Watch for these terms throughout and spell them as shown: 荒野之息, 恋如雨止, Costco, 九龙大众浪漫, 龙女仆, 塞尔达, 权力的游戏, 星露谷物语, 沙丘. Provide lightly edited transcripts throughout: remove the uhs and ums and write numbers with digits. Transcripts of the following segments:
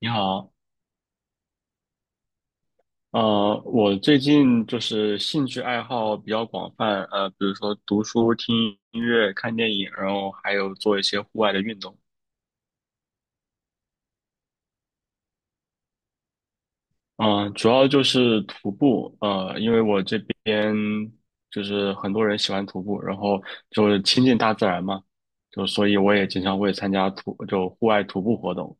你好，我最近就是兴趣爱好比较广泛，比如说读书、听音乐、看电影，然后还有做一些户外的运动。嗯、主要就是徒步，因为我这边就是很多人喜欢徒步，然后就是亲近大自然嘛，就所以我也经常会参加户外徒步活动。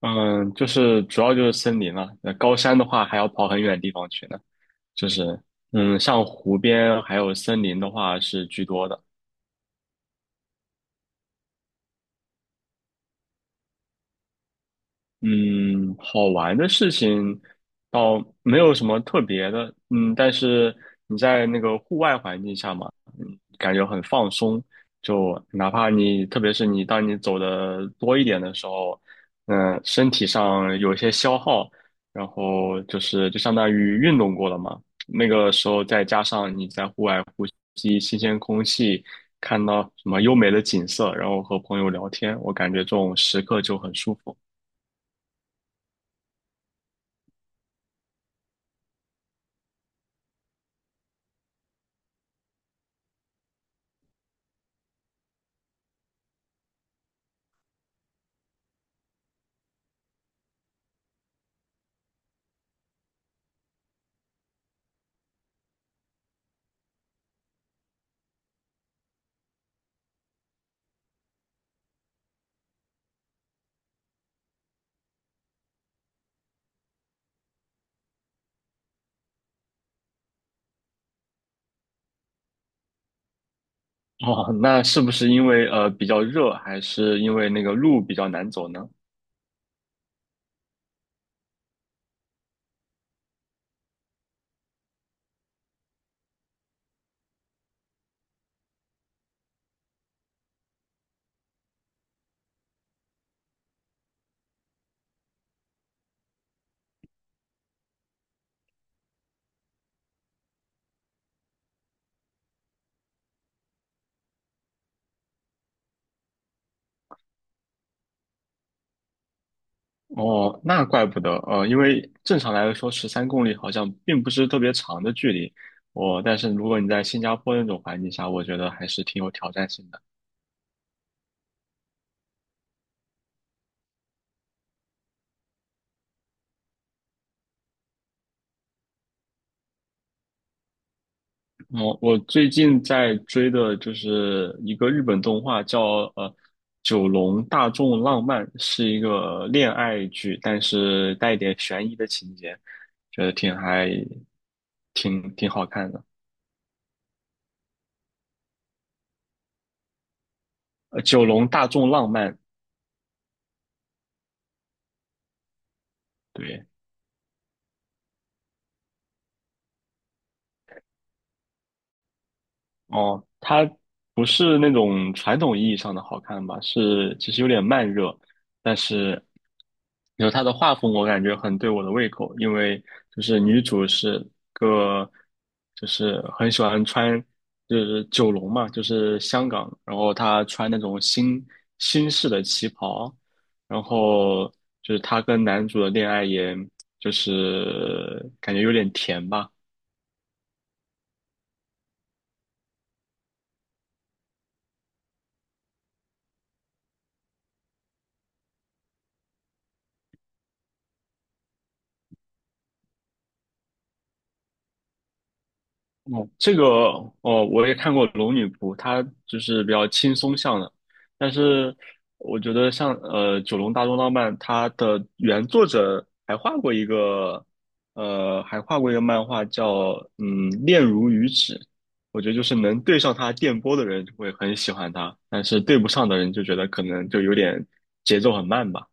嗯、就是主要就是森林了，那高山的话还要跑很远的地方去呢。就是嗯，像湖边还有森林的话是居多的。嗯，好玩的事情倒没有什么特别的。嗯，但是你在那个户外环境下嘛，嗯，感觉很放松。就哪怕你，特别是你当你走的多一点的时候，身体上有一些消耗，然后就相当于运动过了嘛，那个时候再加上你在户外呼吸新鲜空气，看到什么优美的景色，然后和朋友聊天，我感觉这种时刻就很舒服。哦，那是不是因为比较热，还是因为那个路比较难走呢？哦，那怪不得，因为正常来说13公里好像并不是特别长的距离，但是如果你在新加坡那种环境下，我觉得还是挺有挑战性的。哦，我最近在追的就是一个日本动画叫呃《九龙大众浪漫》，是一个恋爱剧，但是带一点悬疑的情节，觉得挺还挺挺好看的。九龙大众浪漫，对，哦，它不是那种传统意义上的好看吧，是其实有点慢热，但是有它的画风，我感觉很对我的胃口，因为就是女主是个，就是很喜欢穿，就是九龙嘛，就是香港，然后她穿那种新式的旗袍，然后就是她跟男主的恋爱也。就是感觉有点甜吧。哦，这个哦，我也看过《龙女仆》，它就是比较轻松向的，但是我觉得像《九龙大作浪漫》，它的原作者还画过一个漫画叫嗯《恋如雨止》，我觉得就是能对上它电波的人就会很喜欢它，但是对不上的人就觉得可能就有点节奏很慢吧。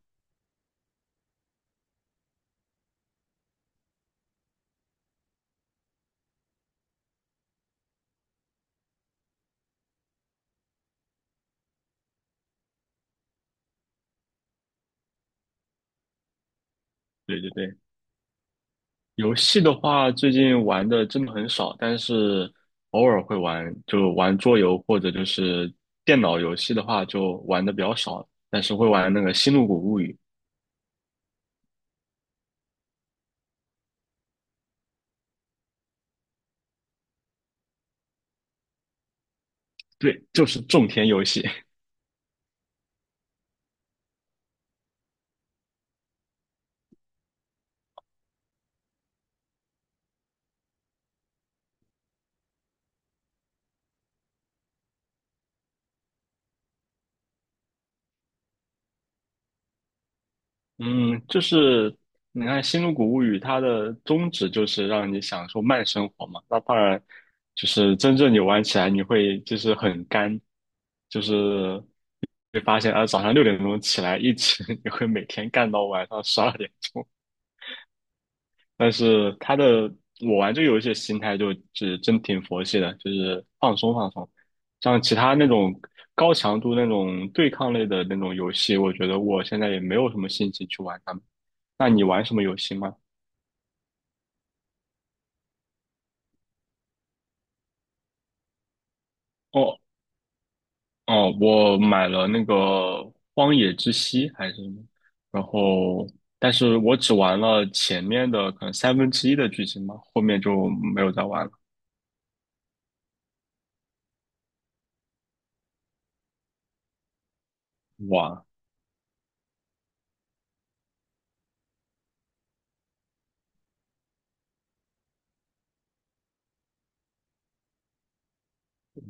对对对。游戏的话，最近玩的真的很少，但是偶尔会玩，就玩桌游或者就是电脑游戏的话，就玩的比较少，但是会玩那个《星露谷物语》。对，就是种田游戏。嗯，就是你看《星露谷物语》，它的宗旨就是让你享受慢生活嘛。那当然，就是真正你玩起来，你会就是很干，就是会发现啊，早上6点钟起来一直，你会每天干到晚上12点。但是他的我玩这个游戏的心态就是真挺佛系的，就是放松放松。像其他那种高强度那种对抗类的那种游戏，我觉得我现在也没有什么心情去玩它们。那你玩什么游戏吗？哦哦，我买了那个《荒野之息》还是什么，然后但是我只玩了前面的可能三分之一的剧情吧，后面就没有再玩了。哇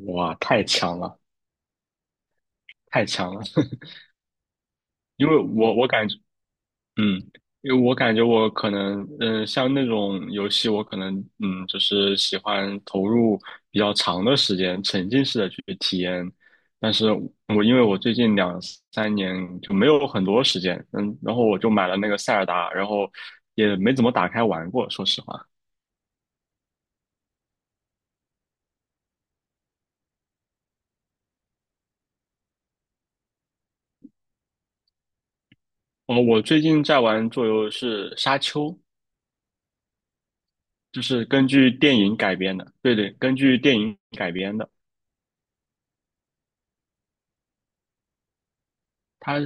哇，太强了，太强了！因为我感觉。嗯，因为我感觉我可能，嗯、像那种游戏，我可能，嗯，就是喜欢投入比较长的时间，沉浸式的去体验。但是因为我最近2、3年就没有很多时间，嗯，然后我就买了那个塞尔达，然后也没怎么打开玩过，说实话。哦，我最近在玩桌游是《沙丘》，就是根据电影改编的，对对，根据电影改编的。它。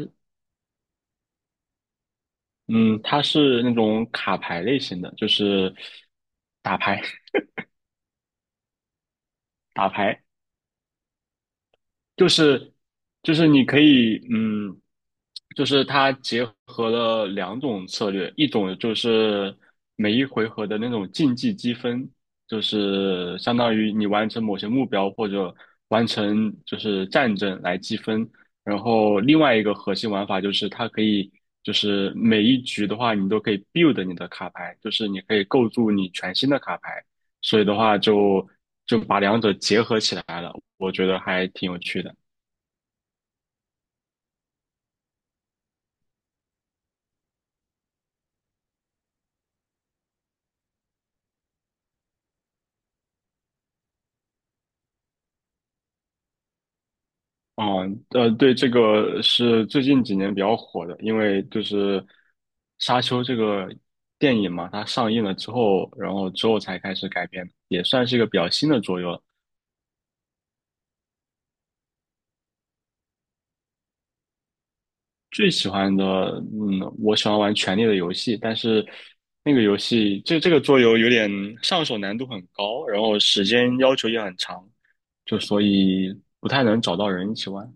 嗯，它是那种卡牌类型的，就是打牌。 打牌，就是就是你可以，嗯，就是它结合了两种策略，一种就是每一回合的那种竞技积分，就是相当于你完成某些目标或者完成战争来积分，然后另外一个核心玩法就是它可以。就是每一局的话，你都可以 build 你的卡牌，就是你可以构筑你全新的卡牌，所以的话就把两者结合起来了，我觉得还挺有趣的。啊，对，这个是最近几年比较火的，因为就是《沙丘》这个电影嘛，它上映了之后，然后之后才开始改编，也算是一个比较新的桌游了。最喜欢的，嗯，我喜欢玩《权力的游戏》，但是那个游戏这个桌游有点上手难度很高，然后时间要求也很长，就所以不太能找到人一起玩。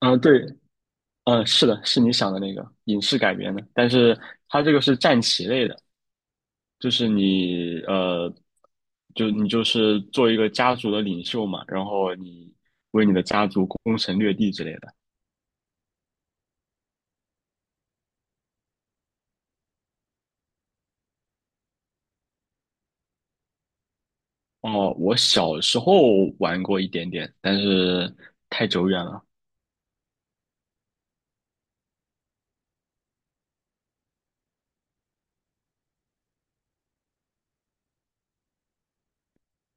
嗯，对，嗯，是的，是你想的那个影视改编的，但是它这个是战棋类的。就是你呃，就你就是做一个家族的领袖嘛，然后你为你的家族攻城略地之类的。哦，我小时候玩过一点点，但是太久远了。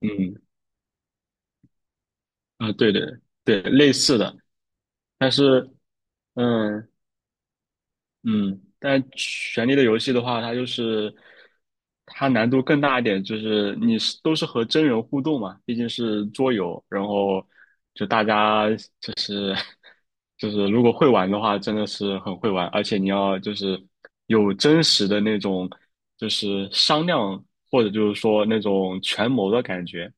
嗯，啊，对对对，类似的。但是嗯，嗯，但《权力的游戏》的话，它就是它难度更大一点，就是你是都是和真人互动嘛，毕竟是桌游，然后就大家就是 就是如果会玩的话，真的是很会玩，而且你要就是有真实的那种就是商量或者就是说那种权谋的感觉，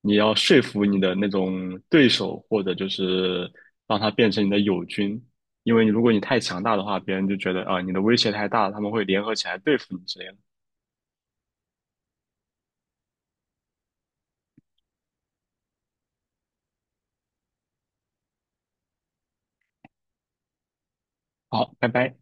你要说服你的那种对手，或者就是让他变成你的友军，因为你如果你太强大的话，别人就觉得啊、你的威胁太大了，他们会联合起来对付你之类的。好，拜拜。